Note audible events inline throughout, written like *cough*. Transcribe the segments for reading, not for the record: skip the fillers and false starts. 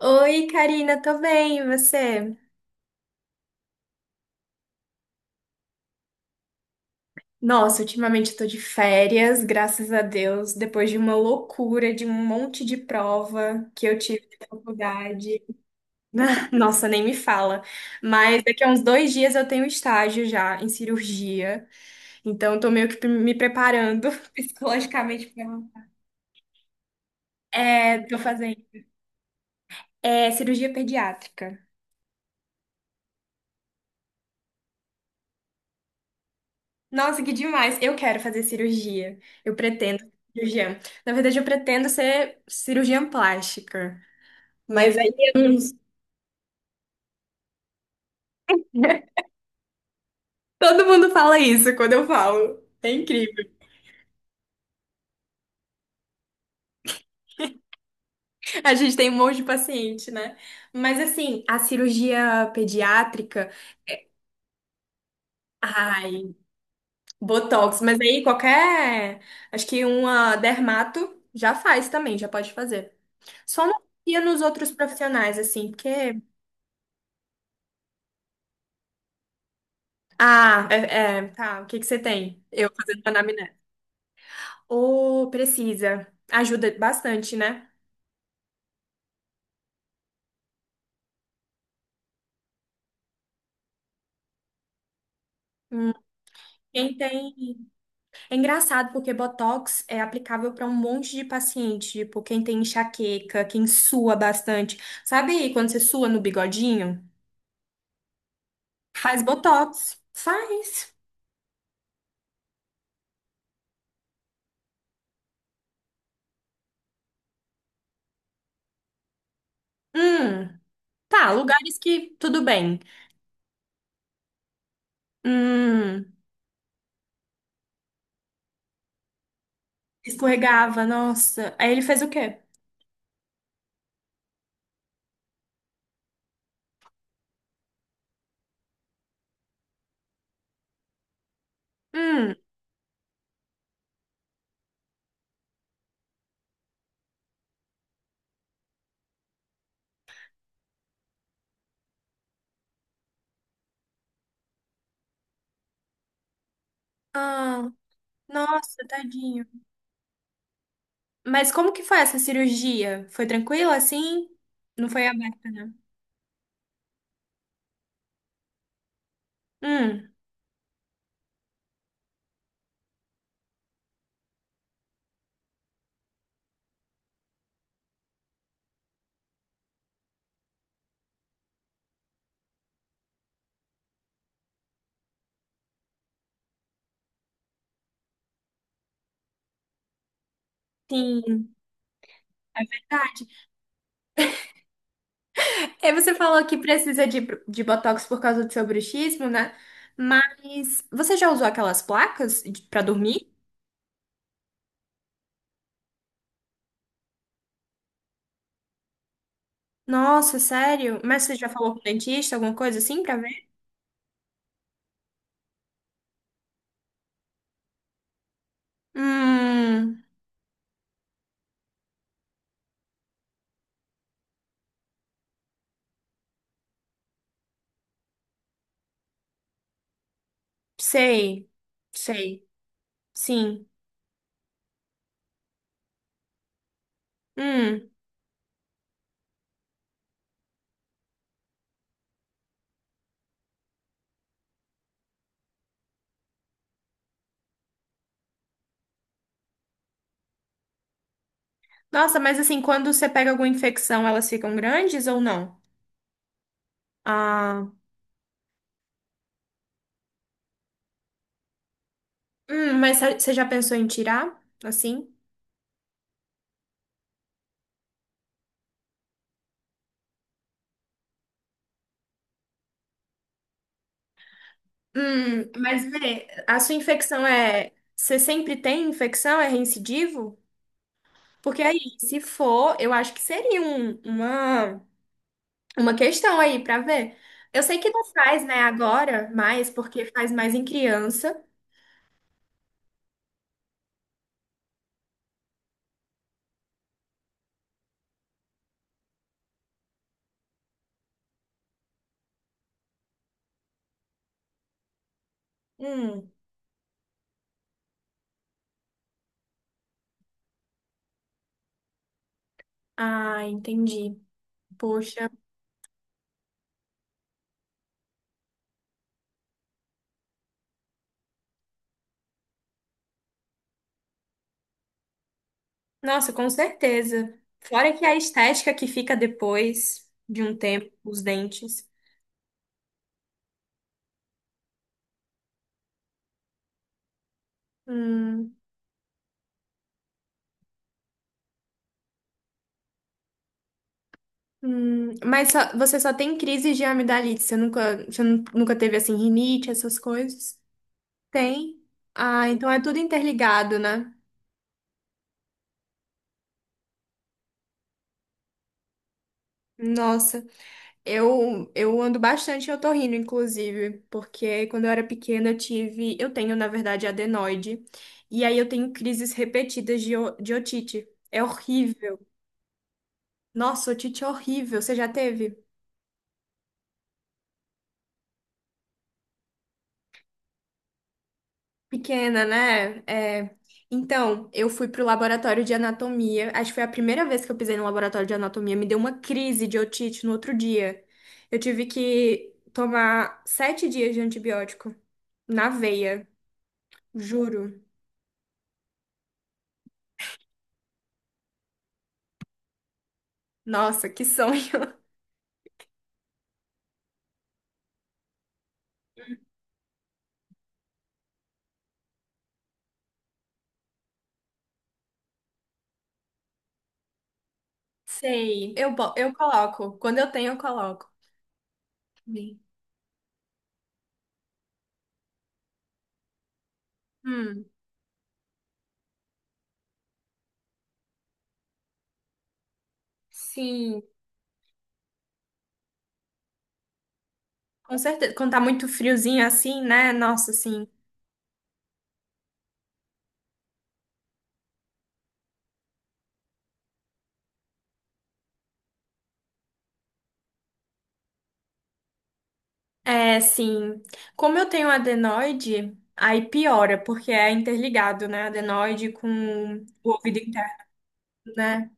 Oi, Karina, tô bem, e você? Nossa, ultimamente eu tô de férias, graças a Deus, depois de uma loucura, de um monte de prova que eu tive na faculdade. *laughs* Nossa, nem me fala. Mas daqui a uns 2 dias eu tenho estágio já em cirurgia, então eu tô meio que me preparando *laughs* psicologicamente pra. É, tô fazendo. É cirurgia pediátrica. Nossa, que demais! Eu quero fazer cirurgia. Eu pretendo ser cirurgiã. Na verdade, eu pretendo ser cirurgiã plástica. Mas aí eu não sei. *laughs* Todo mundo fala isso quando eu falo. É incrível. A gente tem um monte de paciente, né? Mas assim, a cirurgia pediátrica, ai, botox, mas aí qualquer, acho que uma dermato já faz também, já pode fazer. Só não confia nos outros profissionais assim, porque. Ah, é, é, tá. O que que você tem? Eu fazendo anamnese. Ô, precisa. Ajuda bastante, né? Hum, Quem tem. É engraçado porque Botox é aplicável para um monte de paciente. Tipo, quem tem enxaqueca, quem sua bastante. Sabe quando você sua no bigodinho? Faz Botox. Faz. Hum, tá. Lugares que tudo bem. Hum, Escorregava, nossa. Aí ele fez o quê? Hum, ah, nossa, tadinho. Mas como que foi essa cirurgia? Foi tranquila assim? Não foi aberta? Hum, sim, é verdade. E você falou que precisa de botox por causa do seu bruxismo, né? Mas você já usou aquelas placas pra dormir? Nossa, sério? Mas você já falou com o dentista, alguma coisa assim pra ver? Hum, sei, sei, sim. Hum. Nossa, mas assim, quando você pega alguma infecção, elas ficam grandes ou não? Ah, mas você já pensou em tirar? Assim? Mas vê, a sua infecção é. Você sempre tem infecção? É reincidivo? Porque aí, se for, eu acho que seria uma questão aí pra ver. Eu sei que não faz, né, agora, mais, porque faz mais em criança. Hum, ah, entendi. Poxa, nossa, com certeza. Fora que a estética que fica depois de um tempo, os dentes. Hum. Mas você só tem crise de amidalite, você nunca, você nu- nunca teve assim rinite, essas coisas? Tem? Ah, então é tudo interligado, né? Nossa, eu ando bastante otorrino, inclusive, porque quando eu era pequena eu tive, eu tenho na verdade adenoide, e aí eu tenho crises repetidas de otite. É horrível. Nossa, otite é horrível. Você já teve? Pequena, né? É. Então, eu fui pro laboratório de anatomia. Acho que foi a primeira vez que eu pisei no laboratório de anatomia. Me deu uma crise de otite no outro dia. Eu tive que tomar 7 dias de antibiótico na veia, juro. Nossa, que sonho. *laughs* Sei. Eu coloco. Quando eu tenho, eu coloco. Bem. Hum, sim, com certeza. Quando tá muito friozinho assim, né? Nossa, sim. É, sim. Como eu tenho adenoide, aí piora, porque é interligado, né? Adenoide com o ouvido interno, né?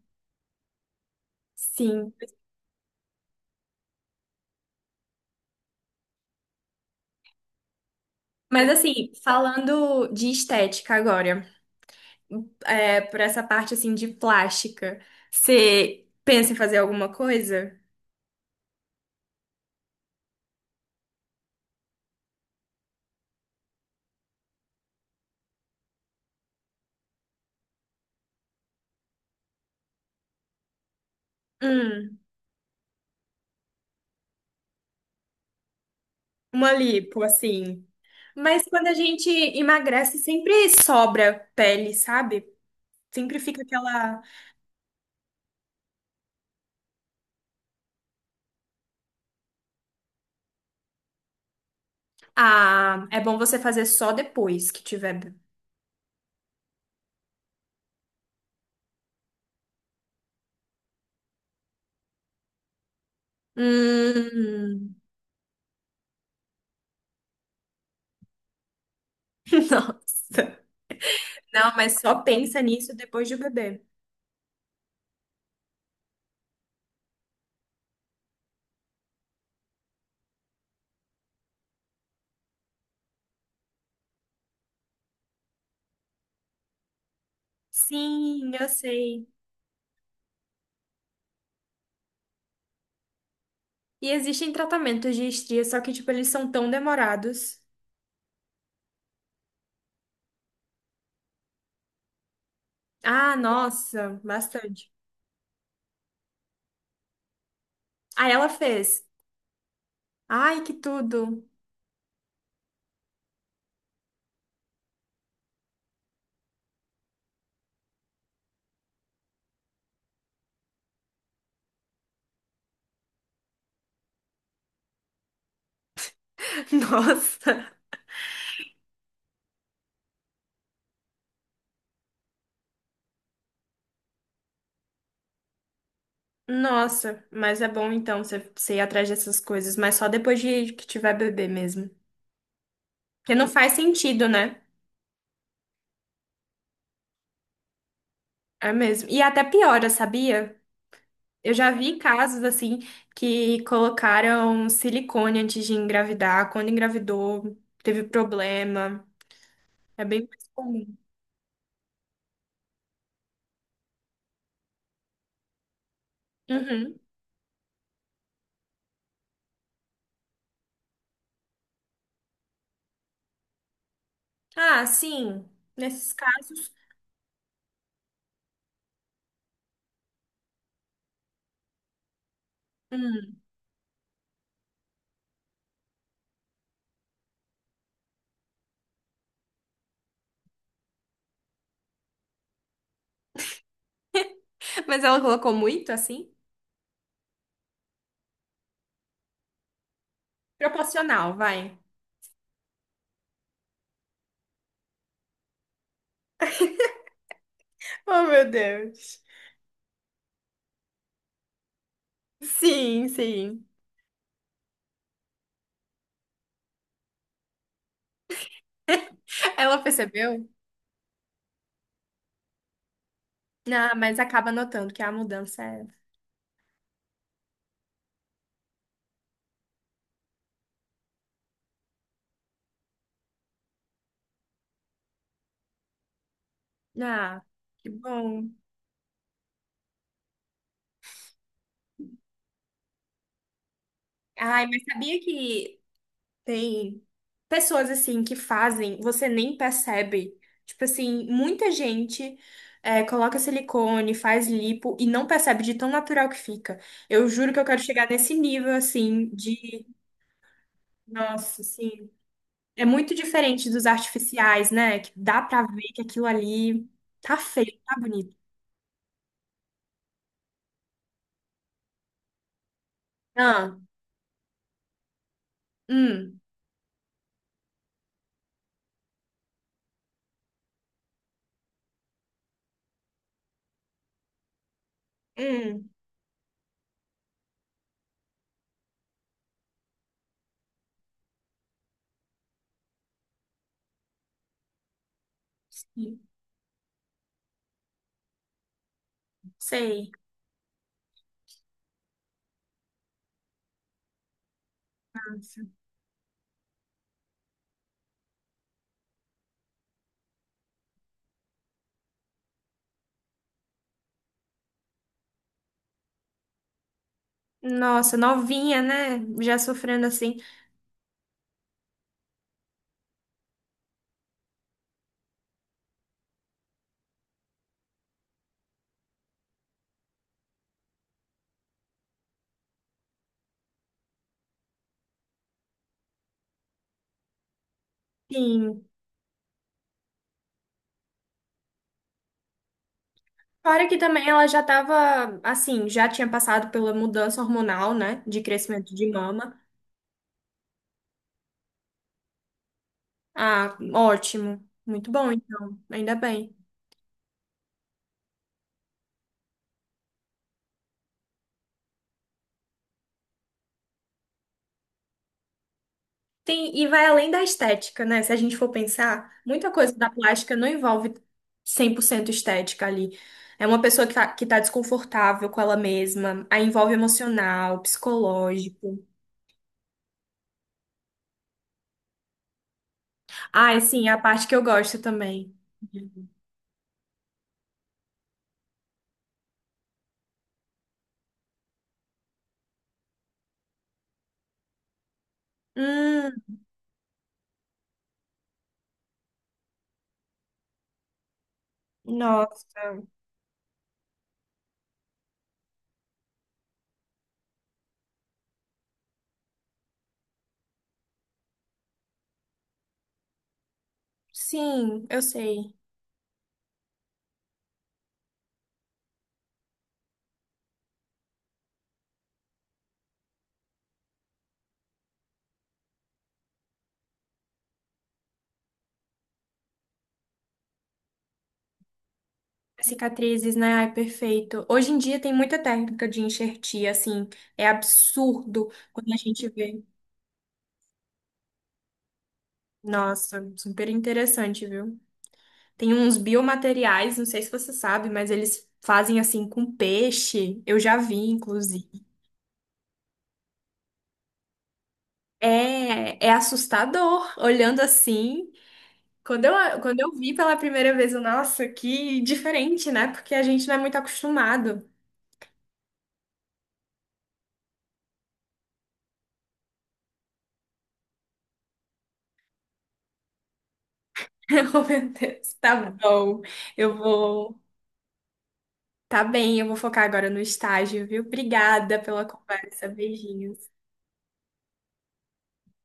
Sim. Mas assim, falando de estética agora, por essa parte assim de plástica, você pensa em fazer alguma coisa? Hum, uma lipo, assim. Mas quando a gente emagrece, sempre sobra pele, sabe? Sempre fica aquela. Ah, é bom você fazer só depois que tiver. Hum, *laughs* Nossa. Não, mas só pensa nisso depois do bebê. Sim, eu sei. E existem tratamentos de estria, só que, tipo, eles são tão demorados. Ah, nossa, bastante. Ah, ela fez. Ai, que tudo. *laughs* Nossa. Nossa, mas é bom então você ir atrás dessas coisas, mas só depois de que tiver bebê mesmo. Porque não faz sentido, né? É mesmo. E até piora, sabia? Eu já vi casos assim que colocaram silicone antes de engravidar. Quando engravidou, teve problema. É bem mais comum. Uhum. Ah, sim. Nesses casos. Hum. Mas ela colocou muito assim? Proporcional, vai. Oh, meu Deus. Sim, sim. Ela percebeu? Ah, mas acaba notando que a mudança é. Ah, que bom. Ai, mas sabia que tem pessoas assim que fazem, você nem percebe. Tipo assim, muita gente coloca silicone, faz lipo e não percebe de tão natural que fica. Eu juro que eu quero chegar nesse nível assim de, nossa, sim, é muito diferente dos artificiais, né? Que dá pra ver que aquilo ali tá feio, tá bonito. Ah, hum, hum, sim, sei. Nossa, novinha, né? Já sofrendo assim. Sim. Fora que também ela já estava, assim, já tinha passado pela mudança hormonal, né? De crescimento de mama. Ah, ótimo. Muito bom, então. Ainda bem. Tem, e vai além da estética, né? Se a gente for pensar, muita coisa da plástica não envolve 100% estética ali. É uma pessoa que tá, desconfortável com ela mesma. Aí envolve emocional, psicológico. Ah, e sim, é a parte que eu gosto também. Hum, nossa. Sim, eu sei. Cicatrizes, né? Ai, perfeito. Hoje em dia tem muita técnica de enxertia, assim, é absurdo quando a gente vê. Nossa, super interessante, viu? Tem uns biomateriais, não sei se você sabe, mas eles fazem assim com peixe. Eu já vi, inclusive. É, é assustador olhando assim. Quando eu vi pela primeira vez, eu, nossa, que diferente, né? Porque a gente não é muito acostumado. *laughs* Oh, meu Deus, tá bom. Eu vou. Tá bem, eu vou focar agora no estágio, viu? Obrigada pela conversa. Beijinho.